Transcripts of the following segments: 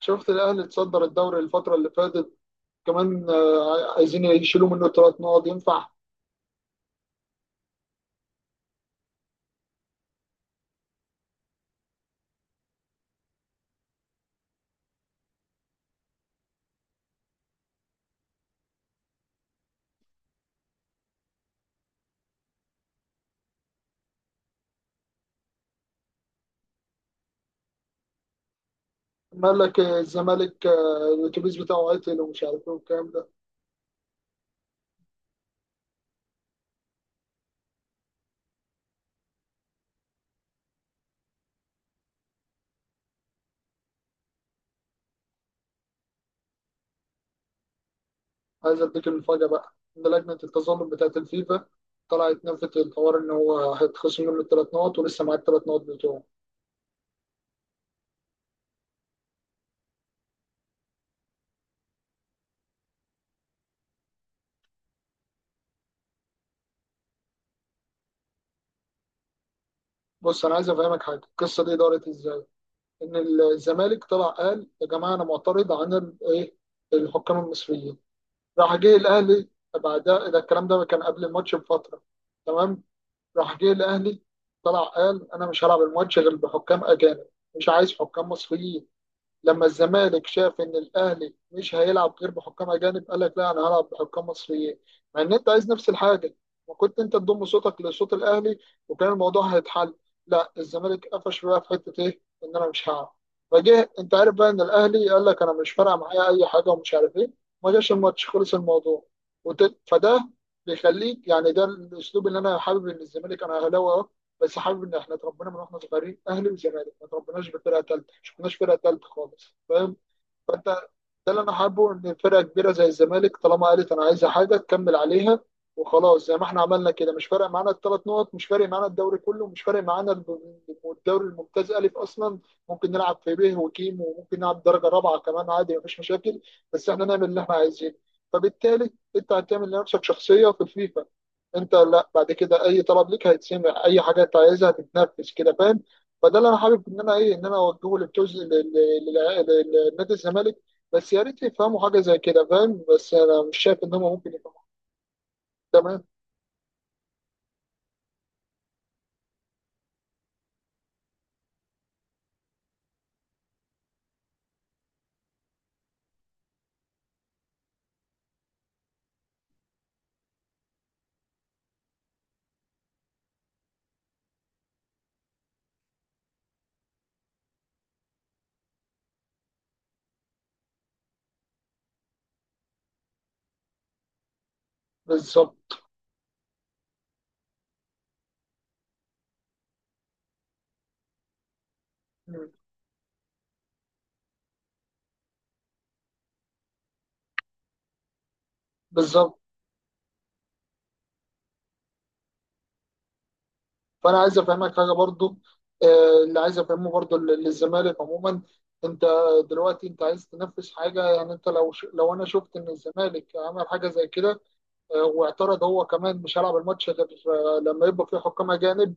شفت الاهلي اتصدر الدوري الفتره اللي فاتت كمان، عايزين يشيلوا منه 3 نقط، ينفع؟ قال لك الزمالك الاتوبيس بتاعه عطل ومش عارف ايه والكلام ده. عايز اديك المفاجاه بقى ان لجنه التظلم بتاعت الفيفا طلعت نفت الحوار ان هو هيتخصم منه الثلاث نقط، ولسه معاه الثلاث نقط بتوعه. بص انا عايز افهمك حاجه، القصه دي دارت ازاي؟ ان الزمالك طلع قال يا جماعه انا معترض عن ال- ايه الحكام المصريين. راح جه الاهلي بعدها، ده الكلام ده كان قبل الماتش بفتره، تمام. راح جه الاهلي طلع قال انا مش هلعب الماتش غير بحكام اجانب، مش عايز حكام مصريين. لما الزمالك شاف ان الاهلي مش هيلعب غير بحكام اجانب قال لك لا انا هلعب بحكام مصريين، مع ان انت عايز نفس الحاجه، وكنت انت تضم صوتك لصوت الاهلي وكان الموضوع هيتحل. لا الزمالك قفش بقى في حته ايه، ان انا مش هلعب. فجه انت عارف بقى ان الاهلي قال لك انا مش فارقه معايا اي حاجه ومش عارف ايه، ما جاش الماتش، خلص الموضوع. فده بيخليك يعني، ده الاسلوب اللي انا حابب. ان الزمالك، انا اهلاوي أهو، بس حابب ان احنا اتربينا من واحنا صغيرين اهلي وزمالك، ما اتربيناش بفرقه ثالثه، ما شفناش فرقه ثالثه خالص، فاهم. ده اللي انا حابه، ان فرقه كبيره زي الزمالك طالما قالت انا عايزه حاجه تكمل عليها وخلاص، زي ما احنا عملنا كده، مش فارق معانا الثلاث نقط، مش فارق معانا الدوري كله، مش فارق معانا الدوري الممتاز الف اصلا. ممكن نلعب في ب وكيم وممكن نلعب درجه رابعه كمان عادي، مفيش مشاكل. بس احنا نعمل اللي احنا عايزينه. فبالتالي انت هتعمل لنفسك شخصيه في الفيفا، انت لا بعد كده اي طلب ليك هيتسمع، اي حاجه انت عايزها هتتنفذ كده، فاهم. فده اللي انا حابب ان انا ايه، ان انا اوجهه للجزء لنادي الزمالك. بس يا ريت يفهموا حاجة زي كده، فاهم. بس أنا مش شايف إن هم ممكن يفهموا. تمام. بالظبط. مم. بالظبط. فأنا عايز أفهمك حاجة برضو، اللي عايز أفهمه برضو للزمالك عموما، أنت دلوقتي أنت عايز تنفذ حاجة. يعني أنت لو لو أنا شفت إن الزمالك عمل حاجة زي كده واعترض هو كمان مش هلعب الماتش غير لما يبقى فيه حكام أجانب،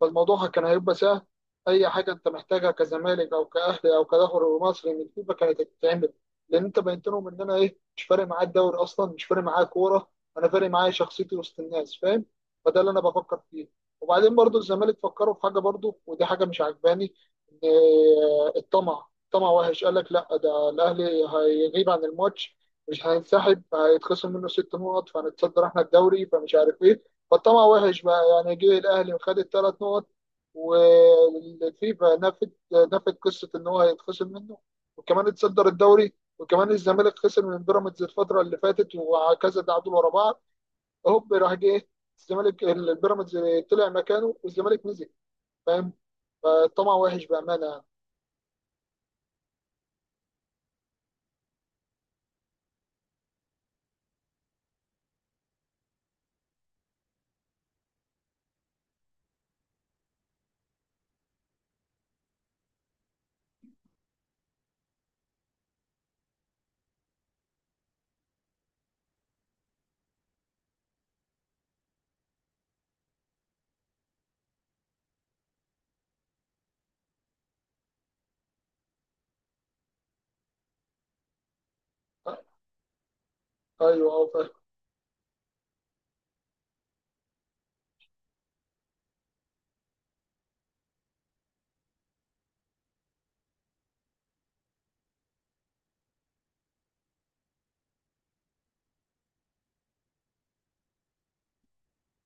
فالموضوع كان هيبقى سهل. أي حاجة أنت محتاجها كزمالك أو كأهلي أو كدوري مصري من فيفا كانت هتتعمل، لأن أنت بينتنهم إن أنا إيه، مش فارق معايا الدوري أصلا، مش فارق معايا كورة، أنا فارق معايا شخصيتي وسط الناس، فاهم. فده اللي أنا بفكر فيه. وبعدين برضو الزمالك فكروا في حاجة برضو، ودي حاجة مش عجباني، إن الطمع وحش. قال لك لا ده الأهلي هيغيب عن الماتش، مش هينسحب، هيتخصم منه 6 نقط فهنتصدر احنا الدوري، فمش عارف ايه. فالطمع وحش بقى، يعني جه الاهلي وخد الثلاث نقط، والفيفا نفت قصه ان هو هيتخصم منه، وكمان اتصدر الدوري. وكمان الزمالك خسر من بيراميدز الفتره اللي فاتت وكذا تعادل ورا بعض. هوب راح جه الزمالك، البيراميدز طلع مكانه والزمالك نزل، فاهم. فالطمع وحش بامانه يعني. ايوه.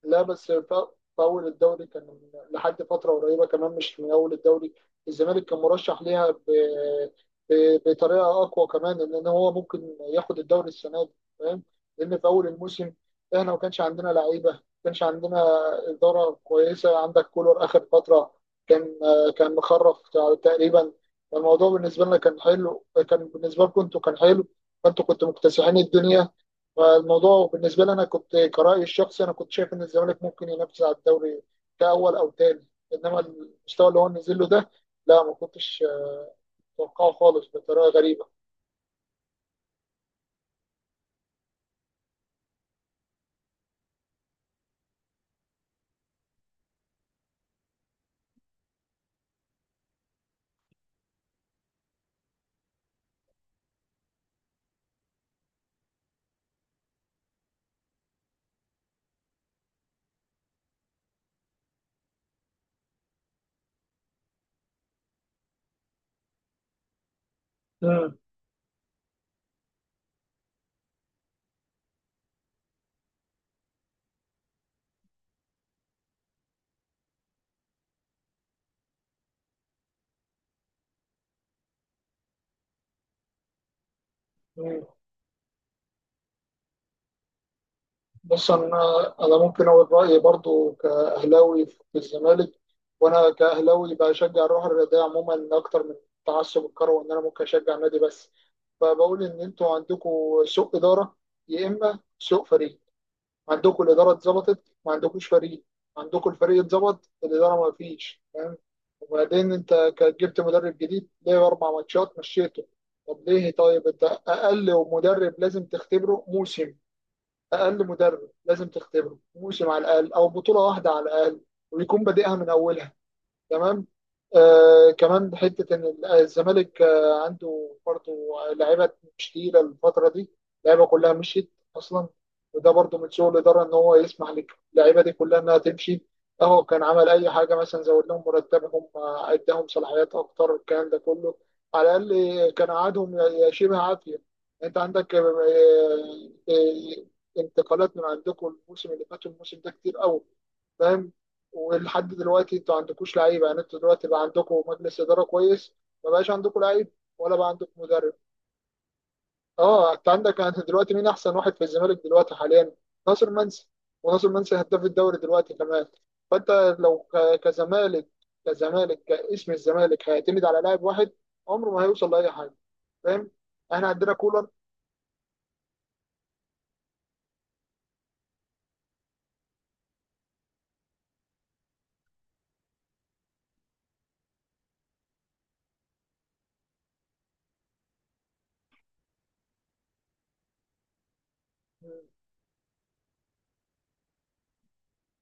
لا بس في أول الدوري كان، لحد فترة قريبة كمان، مش من أول الدوري، الزمالك كان مرشح ليها بطريقة أقوى كمان، لأن هو ممكن ياخد الدوري السنة دي، فاهم. لأن في أول الموسم إحنا ما كانش عندنا لعيبة، ما كانش عندنا إدارة كويسة. عندك كولر آخر فترة، كان كان مخرف تقريبا. الموضوع بالنسبة لنا كان حلو، كان بالنسبة لكم أنتوا كان حلو، فأنتوا كنتوا مكتسحين الدنيا. فالموضوع بالنسبه لي انا كنت كرأيي الشخصي انا كنت شايف ان الزمالك ممكن ينافس على الدوري كاول او تاني. انما المستوى اللي هو نزل له ده، لا ما كنتش متوقعه خالص، بطريقه غريبه. مم. مم. بص انا ممكن اقول رايي برضو كاهلاوي في الزمالك، وانا كاهلاوي بشجع الروح الرياضيه عموما اكتر من تعصب الكروي، وان انا ممكن اشجع نادي بس. فبقول ان انتوا عندكم سوء اداره يا اما سوء فريق. عندكم الإدارة اتظبطت ما عندكوش فريق، عندكم الفريق اتظبط الإدارة ما فيش، فاهم. وبعدين أنت جبت مدرب جديد ليه؟ أربع ماتشات مشيته. طب ليه؟ طيب أنت أقل مدرب لازم تختبره موسم، أقل مدرب لازم تختبره موسم على الأقل أو بطولة واحدة على الأقل، ويكون بادئها من أولها، تمام. آه كمان حته ان الزمالك عنده برضه لعيبه مش تقيله الفتره دي. اللعيبه كلها مشيت اصلا، وده برضه من سوء الاداره، ان هو يسمح للعيبه دي كلها انها تمشي. اهو كان عمل اي حاجه، مثلا زود لهم مرتبهم، اداهم صلاحيات اكتر، الكلام ده كله على الاقل كان قعدهم شبه عافيه. انت عندك، انتقالات من عندكم الموسم اللي فات والموسم ده كتير قوي، فاهم. ولحد دلوقتي انتوا ما عندكوش لعيبه، يعني انتوا دلوقتي بقى عندكم مجلس اداره كويس، ما بقاش عندكم لعيب، ولا بقى عندكم مدرب. اه، انت عندك، انت دلوقتي مين احسن واحد في الزمالك دلوقتي حاليا؟ ناصر منسي، وناصر منسي هداف الدوري دلوقتي كمان. فانت لو كزمالك، كزمالك كاسم الزمالك هيعتمد على لاعب واحد، عمره ما هيوصل لاي حاجه، فاهم. احنا عندنا كولر.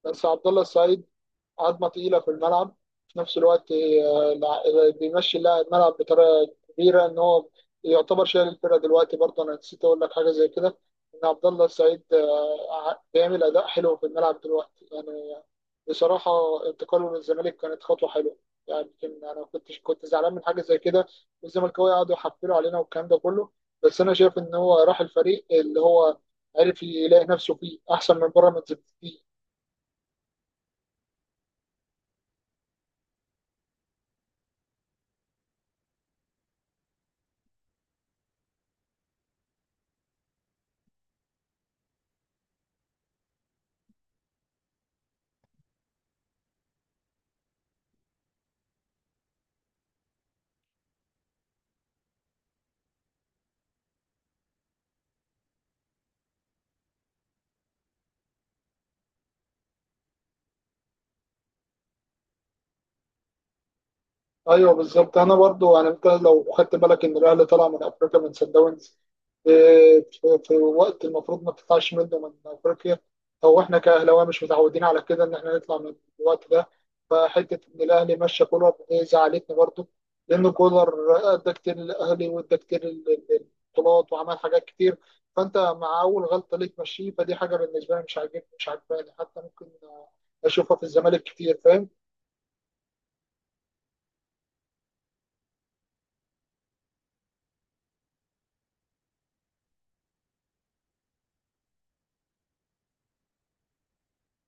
بس عبد الله السعيد عظمه تقيله في الملعب. في نفس الوقت بيمشي اللاعب الملعب بطريقه كبيره، ان هو يعتبر شايل الفرقه دلوقتي. برضه انا نسيت اقول لك حاجه زي كده، ان عبد الله السعيد بيعمل اداء حلو في الملعب دلوقتي، يعني بصراحه. انتقاله من الزمالك كانت خطوه حلوه، يعني يمكن انا كنت زعلان من حاجه زي كده، والزملكاويه قعدوا يحفلوا علينا والكلام ده كله. بس انا شايف ان هو راح الفريق اللي هو عرف يلاقي نفسه فيه احسن من بيراميدز بكتير. ايوه بالظبط. انا برضو يعني انت لو خدت بالك ان الاهلي طلع من افريقيا من سان داونز، آه، في وقت المفروض ما تطلعش منه من افريقيا، او احنا كاهلاويه مش متعودين على كده ان احنا نطلع من الوقت ده. فحته ان الاهلي مشى كولر دي زعلتني برضو، لان كولر ادى كتير للاهلي وادى كتير للبطولات وعمل حاجات كتير. فانت مع اول غلطه ليك مشيه، فدي حاجه بالنسبه لي مش عاجبني، مش عاجباني حتى، ممكن اشوفها في الزمالك كتير، فاهم.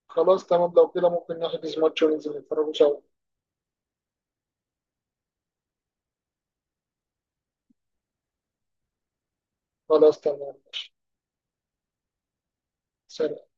خلاص تمام، لو كده ممكن نحجز ماتش وننزل نتفرجوا سوا. خلاص تمام ماشي. سلام.